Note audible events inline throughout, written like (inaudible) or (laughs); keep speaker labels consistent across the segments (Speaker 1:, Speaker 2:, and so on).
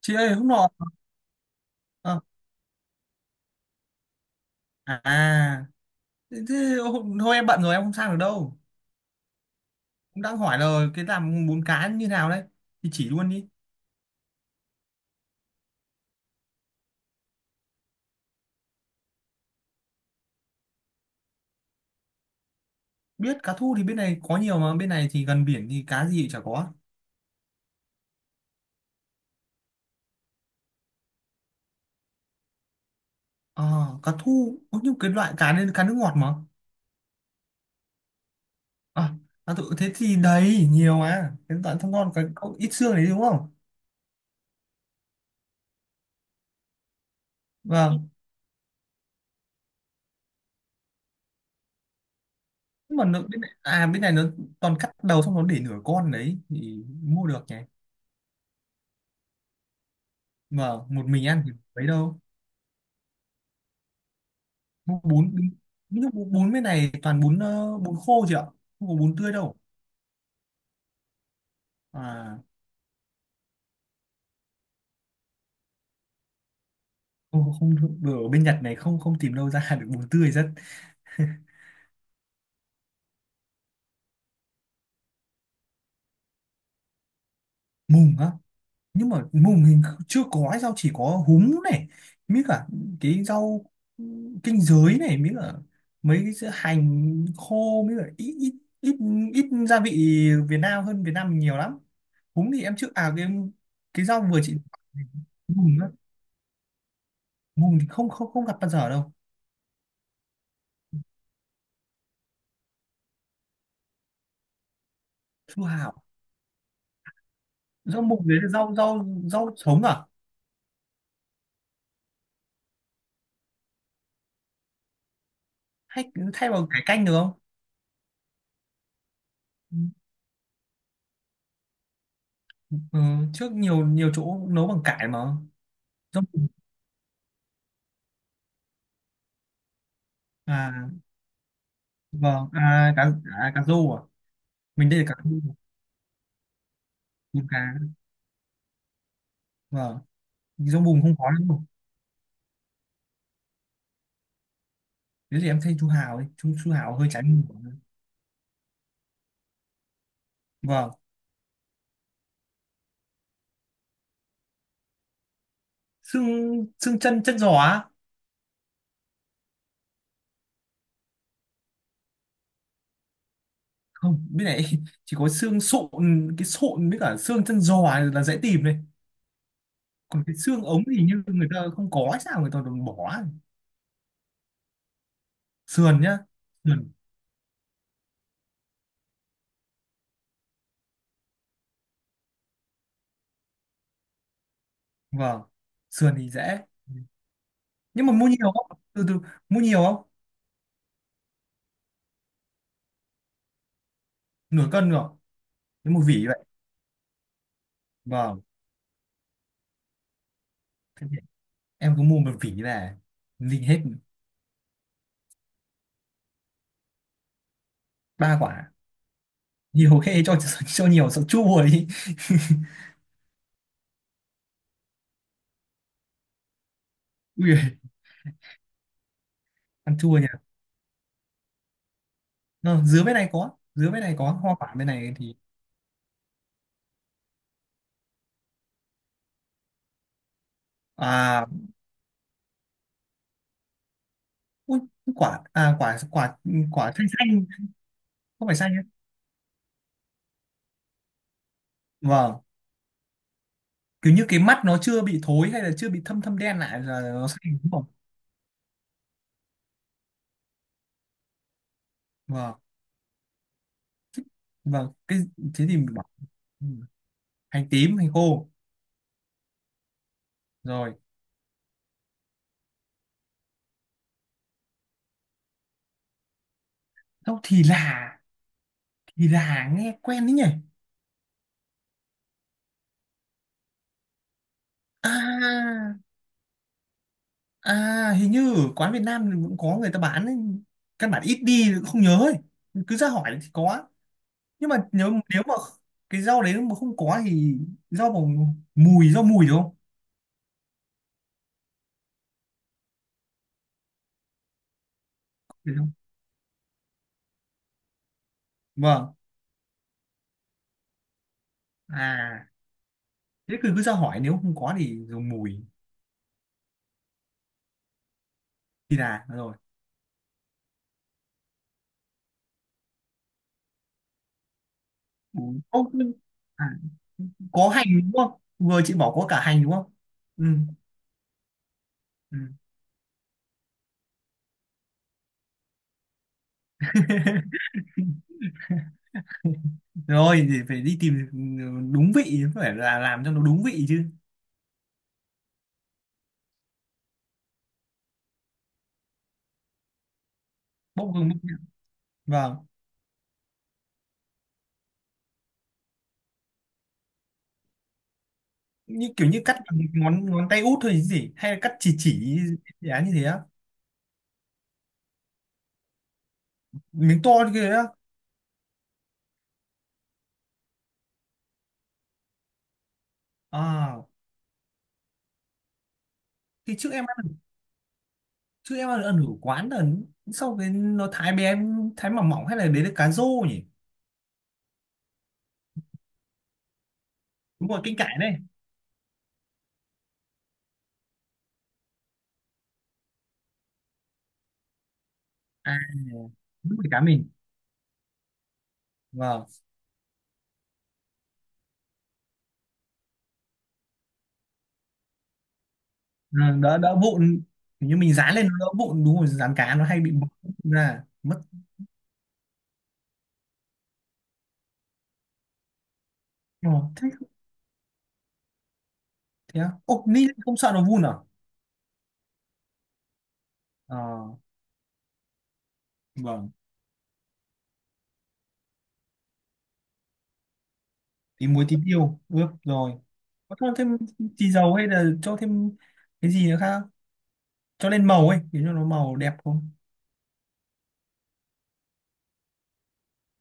Speaker 1: Chị ơi, hôm nọ... Ờ, à thế, thôi em bận rồi, em không sang được đâu. Cũng đang hỏi là cái làm bún cá như nào đấy thì chỉ luôn đi. Biết cá thu thì bên này có nhiều mà, bên này thì gần biển thì cá gì chả có. À, cá thu có nhưng cái loại cá nên cá nước ngọt mà. Ờ, à, cá thu, thế thì đấy nhiều mà, cái loại thơm ngon cái có ít xương đấy đúng không? Vâng. Nhưng mà nó, bên này, à bên này nó toàn cắt đầu, xong nó để nửa con đấy thì mua được nhỉ? Vâng, một mình ăn thì mấy đâu. Bún bún bún bún bên này toàn bún, bún khô chị ạ. Không có bún tươi đâu. À không, không được. Ở bên Nhật này không không tìm đâu ra được bún tươi, rất... Mùng á? Nhưng mà mùng mình chưa có ấy, rau chỉ có húng này, mới cả cái rau kinh giới này, mới cả mấy cái sữa hành khô, mới cả ít ít, ít ít gia vị Việt Nam, hơn Việt Nam mình nhiều lắm. Húng thì em chưa, cái cái rau vừa chị... Mùng á? Mùng thì không không không gặp bao giờ đâu. Su hào? Rau mùng đấy là rau rau rau sống à? Hay thay bằng cải canh được không? Ừ, trước nhiều nhiều chỗ nấu bằng cải mà. Rau mùng. À vâng, à cá, à, cá rô à? Mình đây là cá rô. Mùng cá. Vâng. Rau mùng không có đâu. Thế thì em thay chú Hào đi, chú Hào hơi trái mùa. Vâng. Xương xương chân chân giò á? Không, bên này (laughs) chỉ có xương sụn. Cái sụn với cả xương chân giò là dễ tìm này. Còn cái xương ống thì như người ta không có hay sao người ta còn bỏ. Sườn nhá? Sườn. Vâng. Sườn thì dễ. Nhưng mà mua nhiều không, từ từ... Mua nhiều không? Nửa cân rồi? Nếu một vỉ vậy? Vâng. Thế thì em cứ mua một vỉ về ninh hết. Ba quả? Nhiều khê cho (laughs) cho nhiều sợ chua đi. (laughs) Ui, giời, ăn chua nhỉ? Ờ, dứa bên này có, dứa bên này có hoa quả, bên này thì... À ui, quả à, quả quả quả xanh xanh? Không phải xanh nhá. Vâng, kiểu như cái mắt nó chưa bị thối hay là chưa bị thâm thâm đen lại là nó xanh đúng không? Vâng, vâng, cái... Thế thì mình bảo... Ừ. Hành tím, hành khô. Rồi. Đâu, thì là... Thì là nghe quen đấy nhỉ. À, à, hình như ở quán Việt Nam thì cũng có người ta bán ấy. Căn bản ít đi không nhớ ấy. Cứ ra hỏi thì có. Nhưng mà nếu, nếu mà cái rau đấy mà không có thì rau bằng mùi, rau mùi đúng không? Phải không? Vâng. À thế cứ cứ ra hỏi, nếu không có thì dùng mùi. Thì là rồi. Ừ. Ô, nhưng... À, có hành đúng không, vừa chị bảo có cả hành đúng không? Ừ. Ừ. (laughs) Rồi thì phải đi tìm. Đúng vị phải là Làm cho nó đúng vị chứ. Bốc không bốc? Vâng. Kiểu như cắt bằng ngón ngón tay út thôi chứ gì, hay là cắt chỉ? Dự án như thế á? Miếng to như thế á? À. Thì trước em ăn, ở quán là sau cái nó thái bé, thái mỏng mỏng, hay là đấy là cá rô nhỉ? Đúng rồi, canh cải đây. À, đúng rồi, cá mình... Vâng. Ừ, đỡ đỡ vụn. Kiểu như mình dán lên nó đỡ vụn, đúng rồi dán cá nó hay bị bong ra mất. Ờ, thế, thế à? Ô, ni không sợ nó vun à? Ờ, vâng. Tí muối, tí tiêu ướp rồi. Có cho thêm tí dầu hay là cho thêm cái gì nữa khác không? Cho lên màu ấy, để cho nó màu đẹp không?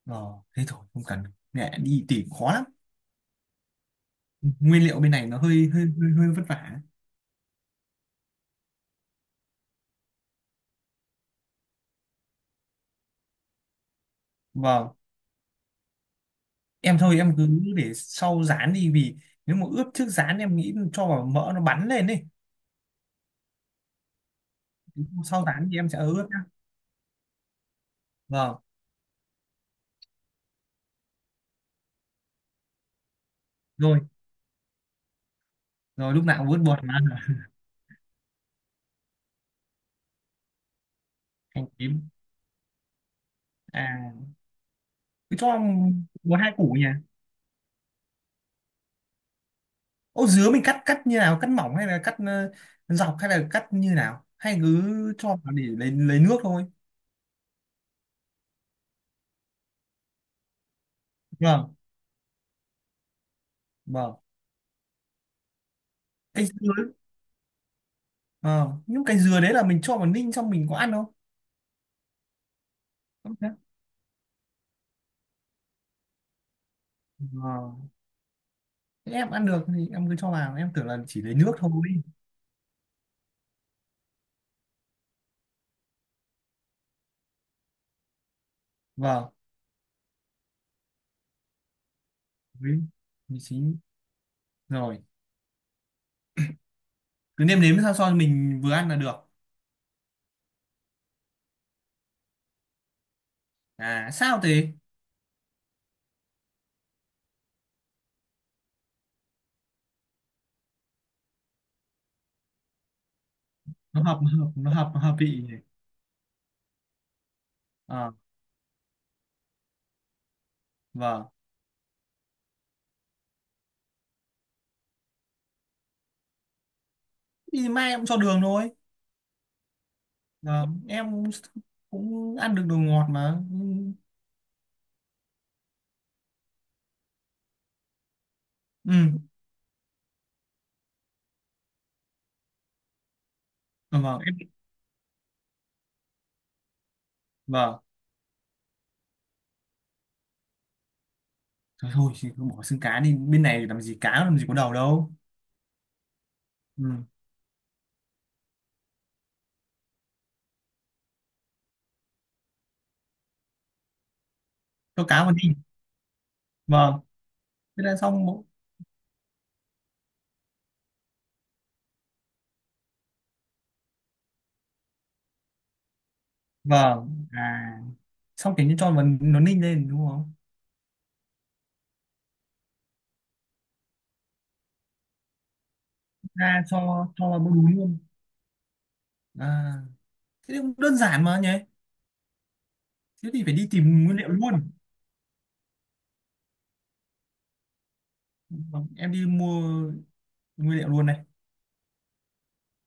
Speaker 1: Ờ, thế thôi, không cần. Mẹ đi tỉ khó lắm. Nguyên liệu bên này nó hơi vất vả. Vâng. Em thôi, em cứ để sau rán đi, vì nếu mà ướp trước rán em nghĩ cho vào mỡ nó bắn lên đi. Sau rán thì em sẽ ướp nhá. Vâng. Rồi, rồi, lúc nào cũng vớt bột mà. (laughs) Hành tím. À, cứ cho một hai củ nhỉ? Ô dứa mình cắt cắt như nào? Cắt mỏng hay là cắt, dọc hay là cắt như nào? Hay cứ cho vào để lấy nước thôi. Vâng, vâng. Cây dứa, ấy. Ờ, nhưng cái dừa đấy là mình cho vào ninh xong mình có ăn không? Không thế. Ờ, thế em ăn được thì em cứ cho vào, em tưởng là chỉ lấy nước thôi. Vâng, với mì chính rồi. Cứ nêm nếm sao cho mình vừa ăn là được. À sao thế? Hợp vị nhỉ? Ờ, vâng. Thì mai em cho đường thôi. Ờ, em cũng ăn được đồ ngọt mà. Ừ. Ờ, vâng em. Vâng, thôi, thôi thì cứ bỏ xương cá đi, bên này làm gì cá làm gì có đầu đâu. Ừ. Cho cá vào đi. Vâng. Thế là xong bộ... Vâng, à, xong kiểu như cho vào nó ninh lên đúng không? Ra cho vào bữa đún luôn. À, thế thì cũng đơn giản mà nhỉ. Thế thì phải đi tìm nguyên liệu luôn. Vâng, em đi mua nguyên liệu luôn đây.